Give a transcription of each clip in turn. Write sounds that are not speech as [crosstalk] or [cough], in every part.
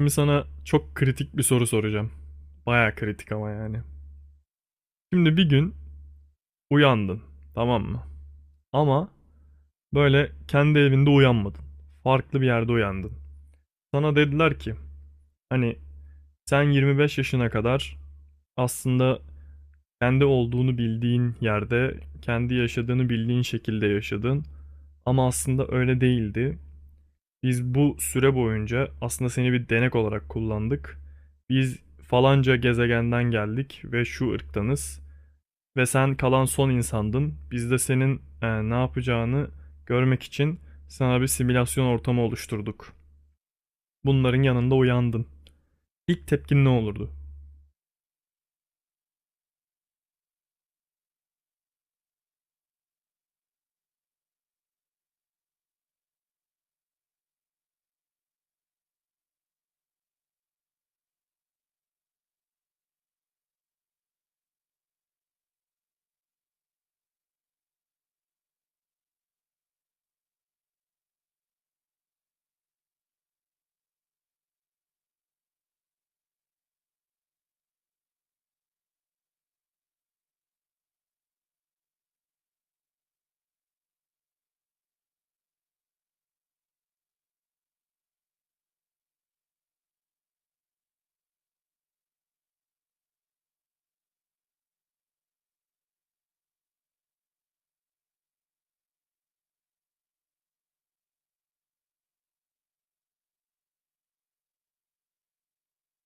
Şimdi sana çok kritik bir soru soracağım. Baya kritik ama yani. Şimdi bir gün uyandın, tamam mı? Ama böyle kendi evinde uyanmadın. Farklı bir yerde uyandın. Sana dediler ki hani sen 25 yaşına kadar aslında kendi olduğunu bildiğin yerde, kendi yaşadığını bildiğin şekilde yaşadın. Ama aslında öyle değildi. Biz bu süre boyunca aslında seni bir denek olarak kullandık. Biz falanca gezegenden geldik ve şu ırktanız ve sen kalan son insandın. Biz de senin ne yapacağını görmek için sana bir simülasyon ortamı oluşturduk. Bunların yanında uyandın. İlk tepkin ne olurdu?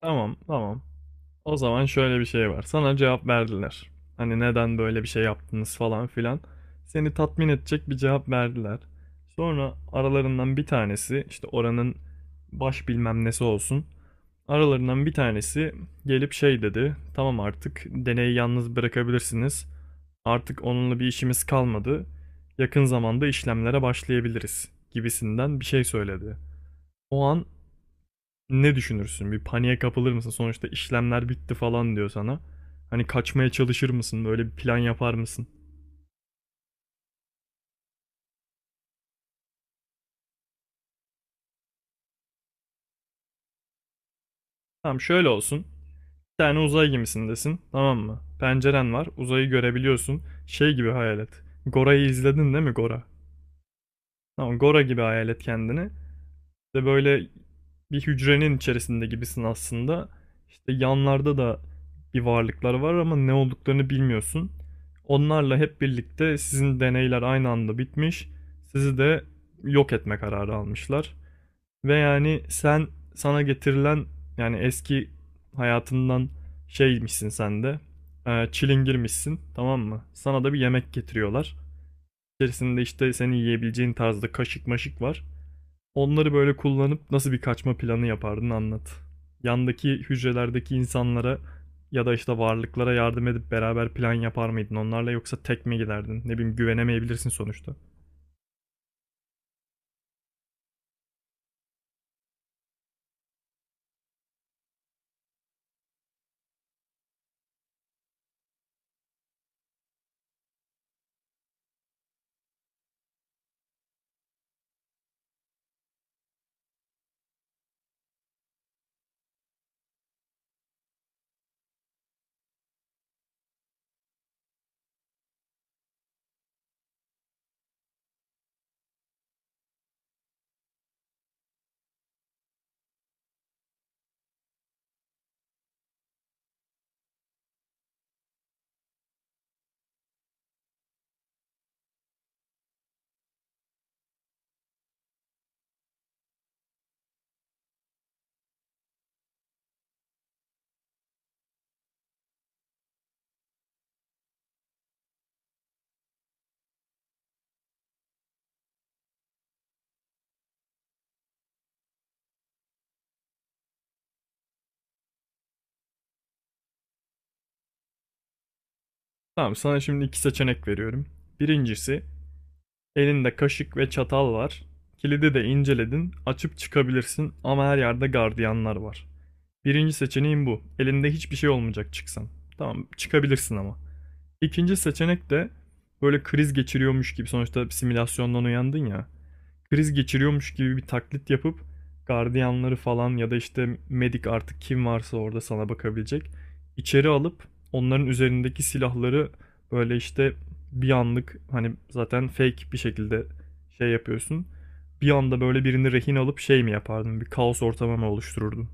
Tamam, tamam. O zaman şöyle bir şey var. Sana cevap verdiler. Hani neden böyle bir şey yaptınız falan filan. Seni tatmin edecek bir cevap verdiler. Sonra aralarından bir tanesi işte oranın baş bilmem nesi olsun. Aralarından bir tanesi gelip şey dedi. Tamam, artık deneyi yalnız bırakabilirsiniz. Artık onunla bir işimiz kalmadı. Yakın zamanda işlemlere başlayabiliriz gibisinden bir şey söyledi. O an ne düşünürsün? Bir paniğe kapılır mısın? Sonuçta işlemler bitti falan diyor sana. Hani kaçmaya çalışır mısın? Böyle bir plan yapar mısın? Tamam, şöyle olsun. Bir tane uzay gemisindesin. Tamam mı? Penceren var. Uzayı görebiliyorsun. Şey gibi hayal et. Gora'yı izledin değil mi Gora? Tamam, Gora gibi hayal et kendini. De böyle bir hücrenin içerisinde gibisin aslında. İşte yanlarda da bir varlıklar var ama ne olduklarını bilmiyorsun. Onlarla hep birlikte sizin deneyler aynı anda bitmiş. Sizi de yok etme kararı almışlar. Ve yani sen sana getirilen yani eski hayatından şeymişsin sen de. Çilingirmişsin, tamam mı? Sana da bir yemek getiriyorlar. İçerisinde işte seni yiyebileceğin tarzda kaşık maşık var. Onları böyle kullanıp nasıl bir kaçma planı yapardın anlat. Yandaki hücrelerdeki insanlara ya da işte varlıklara yardım edip beraber plan yapar mıydın onlarla, yoksa tek mi giderdin? Ne bileyim, güvenemeyebilirsin sonuçta. Tamam, sana şimdi iki seçenek veriyorum. Birincisi, elinde kaşık ve çatal var. Kilidi de inceledin, açıp çıkabilirsin ama her yerde gardiyanlar var. Birinci seçeneğin bu. Elinde hiçbir şey olmayacak çıksan. Tamam, çıkabilirsin ama. İkinci seçenek de böyle kriz geçiriyormuş gibi, sonuçta bir simülasyondan uyandın ya. Kriz geçiriyormuş gibi bir taklit yapıp gardiyanları falan ya da işte medik, artık kim varsa orada sana bakabilecek. İçeri alıp onların üzerindeki silahları böyle işte bir anlık, hani zaten fake bir şekilde şey yapıyorsun. Bir anda böyle birini rehin alıp şey mi yapardın? Bir kaos ortamı mı oluştururdun?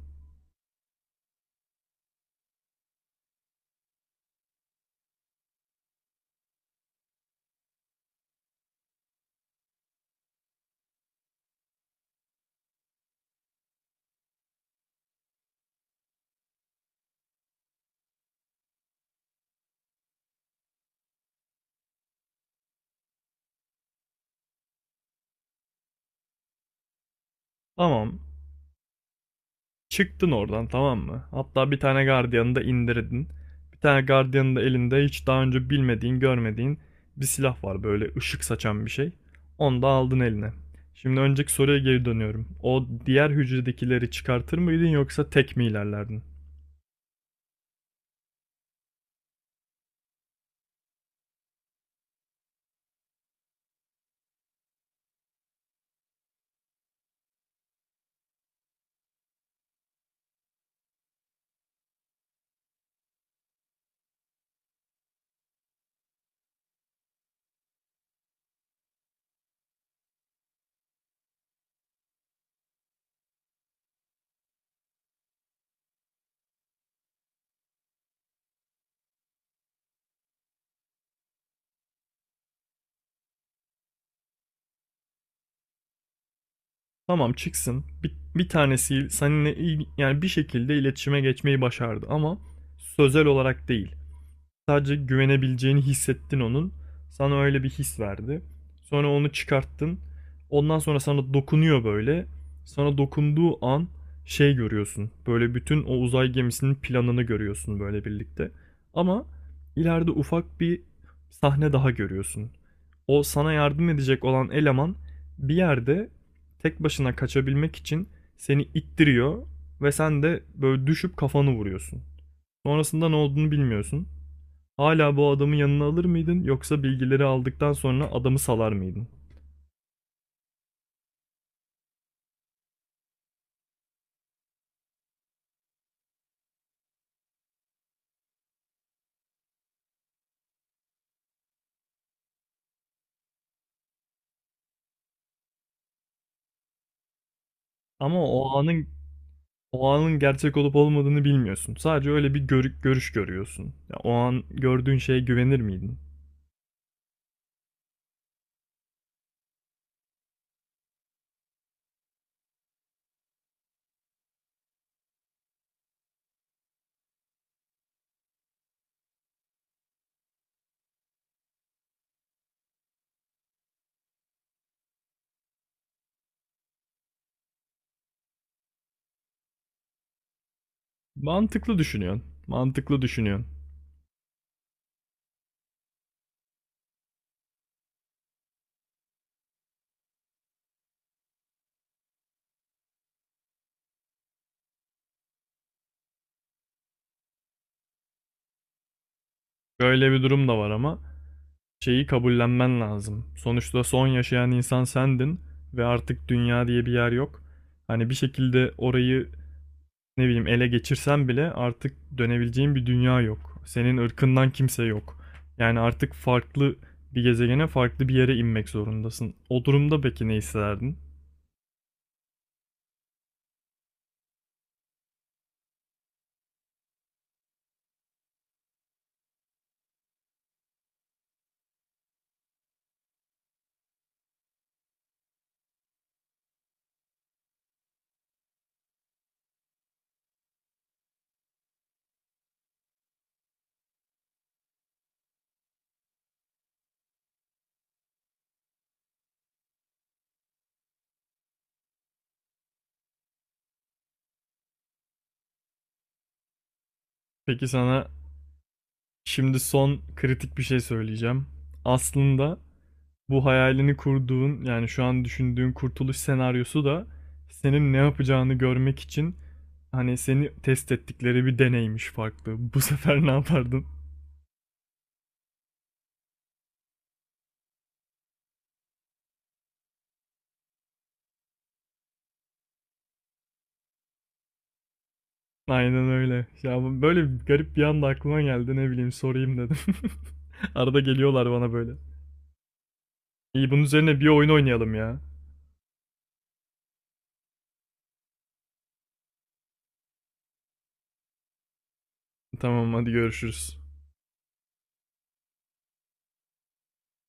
Tamam. Çıktın oradan, tamam mı? Hatta bir tane gardiyanı da indirdin. Bir tane gardiyanın da elinde hiç daha önce bilmediğin, görmediğin bir silah var, böyle ışık saçan bir şey. Onu da aldın eline. Şimdi önceki soruya geri dönüyorum. O diğer hücredekileri çıkartır mıydın yoksa tek mi ilerlerdin? Tamam, çıksın. Bir tanesi seninle yani bir şekilde iletişime geçmeyi başardı ama sözel olarak değil. Sadece güvenebileceğini hissettin onun. Sana öyle bir his verdi. Sonra onu çıkarttın. Ondan sonra sana dokunuyor böyle. Sana dokunduğu an şey görüyorsun. Böyle bütün o uzay gemisinin planını görüyorsun böyle birlikte. Ama ileride ufak bir sahne daha görüyorsun. O sana yardım edecek olan eleman bir yerde tek başına kaçabilmek için seni ittiriyor ve sen de böyle düşüp kafanı vuruyorsun. Sonrasında ne olduğunu bilmiyorsun. Hala bu adamı yanına alır mıydın yoksa bilgileri aldıktan sonra adamı salar mıydın? Ama o anın gerçek olup olmadığını bilmiyorsun. Sadece öyle bir görüş görüyorsun. Ya, o an gördüğün şeye güvenir miydin? Mantıklı düşünüyorsun. Mantıklı düşünüyorsun. Böyle bir durum da var ama şeyi kabullenmen lazım. Sonuçta son yaşayan insan sendin ve artık dünya diye bir yer yok. Hani bir şekilde orayı ne bileyim ele geçirsem bile artık dönebileceğin bir dünya yok. Senin ırkından kimse yok. Yani artık farklı bir gezegene, farklı bir yere inmek zorundasın. O durumda peki ne hissederdin? Peki sana şimdi son kritik bir şey söyleyeceğim. Aslında bu hayalini kurduğun, yani şu an düşündüğün kurtuluş senaryosu da senin ne yapacağını görmek için hani seni test ettikleri bir deneymiş farklı. Bu [laughs] sefer ne yapardın? Aynen öyle. Ya böyle garip bir anda aklıma geldi, ne bileyim, sorayım dedim. [laughs] Arada geliyorlar bana böyle. İyi, bunun üzerine bir oyun oynayalım ya. Tamam, hadi görüşürüz.